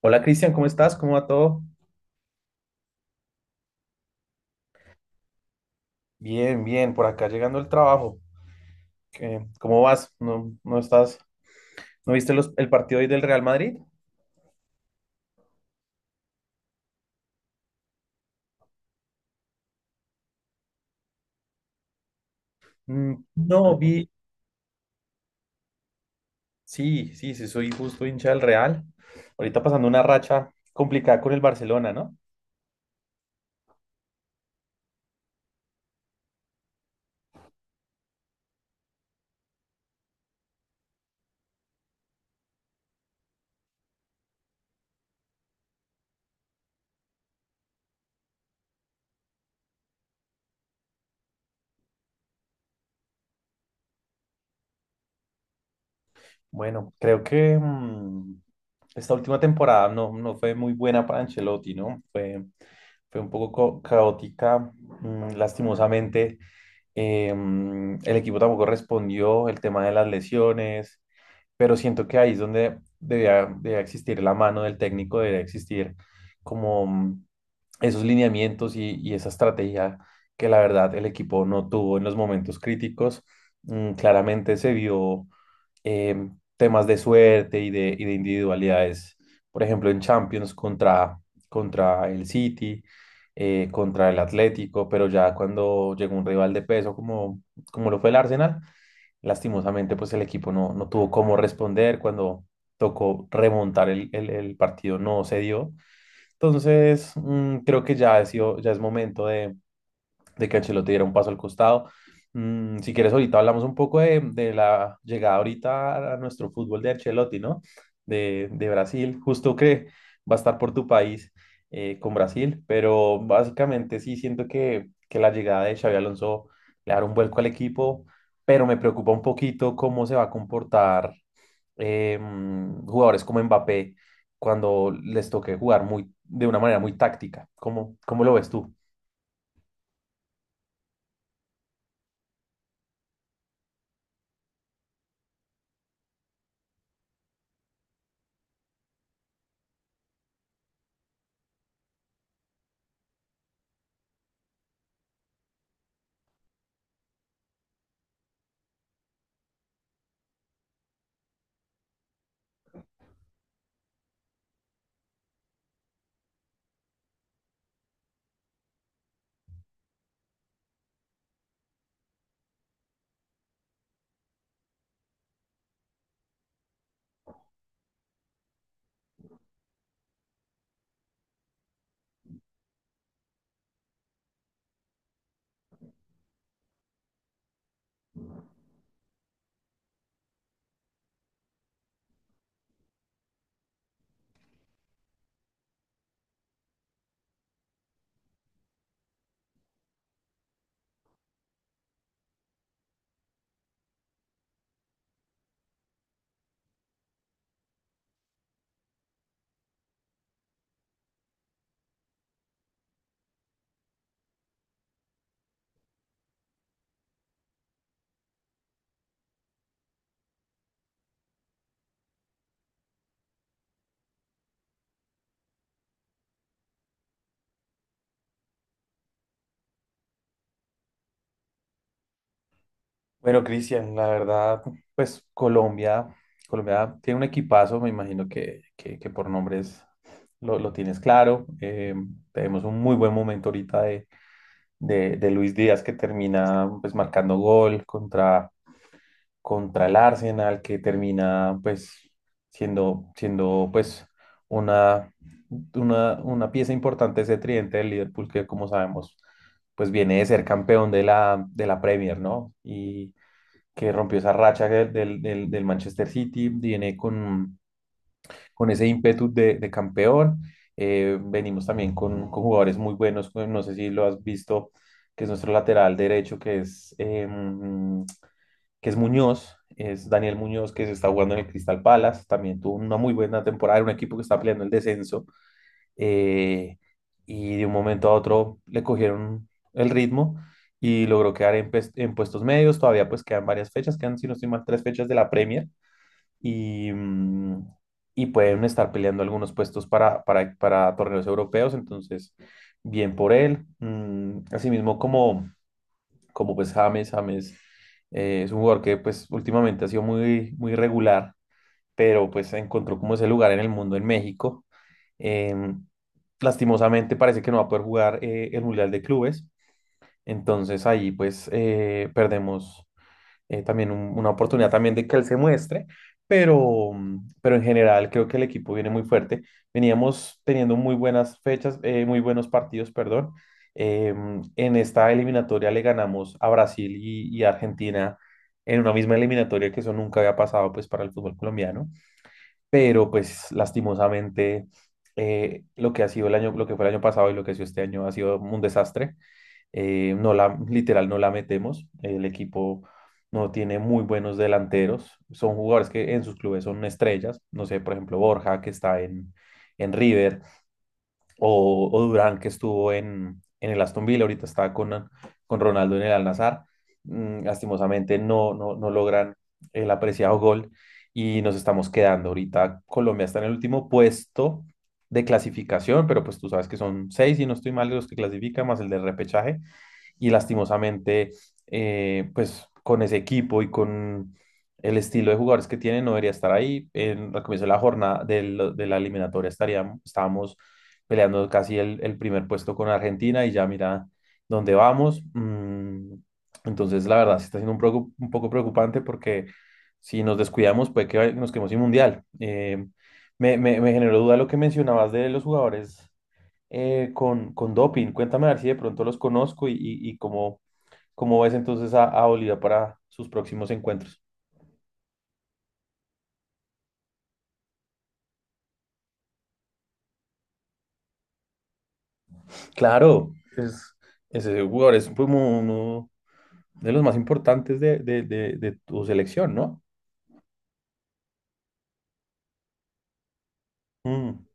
Hola Cristian, ¿cómo estás? ¿Cómo va todo? Bien, bien, por acá llegando el trabajo. ¿Cómo vas? ¿No estás? ¿No viste el partido hoy del Real Madrid? Mm, no, vi. Sí, sí, sí, soy justo hincha del Real. Ahorita pasando una racha complicada con el Barcelona, ¿no? Bueno, creo que esta última temporada no fue muy buena para Ancelotti, ¿no? Fue un poco caótica, lastimosamente. El equipo tampoco respondió, el tema de las lesiones. Pero siento que ahí es donde debía existir la mano del técnico, debía existir como esos lineamientos y esa estrategia que la verdad el equipo no tuvo en los momentos críticos. Claramente se vio eh, temas de suerte y de individualidades, por ejemplo, en Champions contra el City. Contra el Atlético, pero ya cuando llegó un rival de peso como lo fue el Arsenal. Lastimosamente, pues el equipo no tuvo cómo responder cuando tocó remontar el partido, no se dio. Entonces, creo que ya es momento de que Ancelotti diera un paso al costado. Si quieres, ahorita hablamos un poco de la llegada ahorita a nuestro fútbol de Ancelotti, ¿no? De Brasil, justo que va a estar por tu país, con Brasil, pero básicamente sí siento que la llegada de Xabi Alonso le dará un vuelco al equipo, pero me preocupa un poquito cómo se va a comportar, eh, jugadores como Mbappé cuando les toque jugar de una manera muy táctica. ¿Cómo lo ves tú? Bueno, Cristian, la verdad, pues Colombia, Colombia tiene un equipazo, me imagino que por nombres lo tienes claro. Tenemos un muy buen momento ahorita de Luis Díaz que termina pues marcando gol contra el Arsenal, que termina pues siendo pues una, una pieza importante ese tridente del Liverpool que como sabemos pues viene de ser campeón de la Premier, ¿no? Y que rompió esa racha del Manchester City, viene con ese ímpetu de campeón. Venimos también con jugadores muy buenos, pues, no sé si lo has visto, que es nuestro lateral derecho, que es Muñoz, es Daniel Muñoz, que se está jugando en el Crystal Palace, también tuvo una muy buena temporada, en un equipo que está peleando el descenso, eh, y de un momento a otro le cogieron el ritmo y logró quedar en puestos medios. Todavía pues quedan varias fechas, quedan si no estoy mal tres fechas de la Premier y, mm, y pueden estar peleando algunos puestos para torneos europeos, entonces bien por él. Asimismo como pues James, es un jugador que pues últimamente ha sido muy, muy regular, pero pues encontró como ese lugar en el mundo en México. Em, Lastimosamente parece que no va a poder jugar, el Mundial de Clubes, entonces ahí pues perdemos también una oportunidad también de que él se muestre, pero en general creo que el equipo viene muy fuerte. Veníamos teniendo muy buenas fechas, muy buenos partidos, perdón. En esta eliminatoria le ganamos a Brasil y Argentina en una misma eliminatoria que eso nunca había pasado pues para el fútbol colombiano, pero pues lastimosamente, lo que ha sido el año, lo que fue el año pasado y lo que ha sido este año ha sido un desastre. No la, literal, no la metemos. El equipo no tiene muy buenos delanteros. Son jugadores que en sus clubes son estrellas. No sé, por ejemplo, Borja, que está en River, o Durán que estuvo en el Aston Villa, ahorita está con Ronaldo en el Al-Nassr. Lastimosamente no logran el apreciado gol y nos estamos quedando. Ahorita Colombia está en el último puesto de clasificación, pero pues tú sabes que son seis, y no estoy mal, de los que clasifican, más el de repechaje, y lastimosamente, pues con ese equipo y con el estilo de jugadores que tiene, no debería estar ahí. Al comienzo de la jornada de la eliminatoria estábamos peleando casi el primer puesto con Argentina, y ya mira dónde vamos. Entonces, la verdad, sí está siendo un poco preocupante porque si nos descuidamos puede que nos quedemos sin mundial. Me generó duda lo que mencionabas de los jugadores, con doping. Cuéntame a ver si de pronto los conozco y cómo ves entonces a Bolívar para sus próximos encuentros. Claro, ese jugador es como uno de los más importantes de tu selección, ¿no? Mm.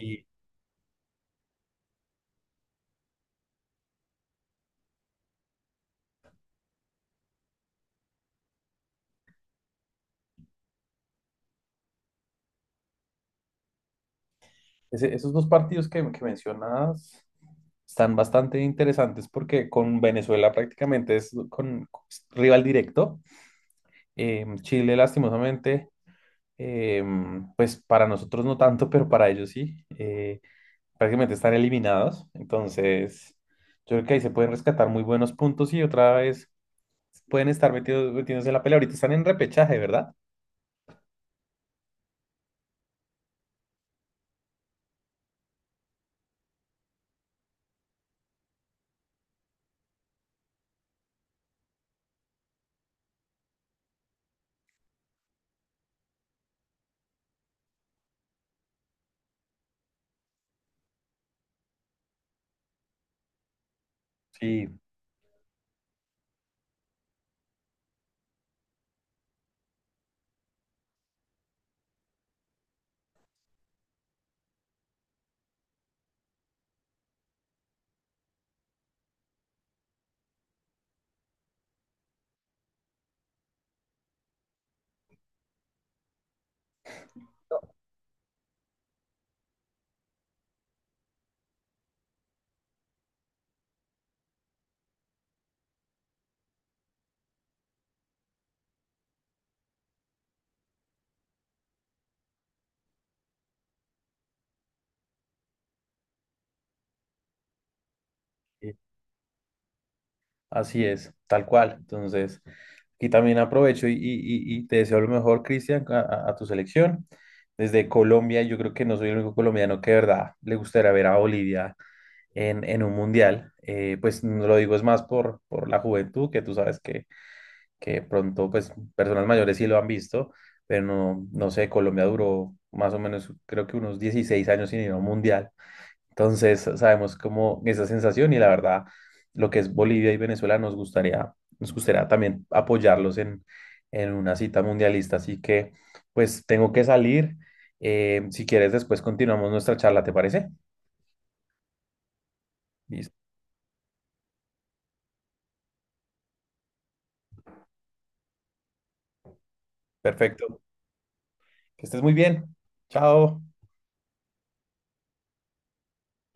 Y esos dos partidos que mencionas están bastante interesantes porque con Venezuela prácticamente es con rival directo. Chile, lastimosamente, eh, pues para nosotros no tanto, pero para ellos sí. Prácticamente están eliminados. Entonces, yo creo que ahí se pueden rescatar muy buenos puntos, y otra vez pueden estar metiéndose en la pelea. Ahorita están en repechaje, ¿verdad? Sí, sí, así es, tal cual. Entonces, aquí también aprovecho y te deseo lo mejor, Cristian, a tu selección. Desde Colombia, yo creo que no soy el único colombiano que de verdad le gustaría ver a Bolivia en un mundial. Pues no lo digo es más por la juventud, que tú sabes que pronto pues personas mayores sí lo han visto, pero no sé, Colombia duró más o menos creo que unos 16 años sin ir a un mundial. Entonces sabemos cómo esa sensación, y la verdad lo que es Bolivia y Venezuela nos gustaría también apoyarlos en una cita mundialista. Así que pues tengo que salir. Si quieres después continuamos nuestra charla, ¿te parece? Listo. Perfecto. Que estés muy bien. Chao.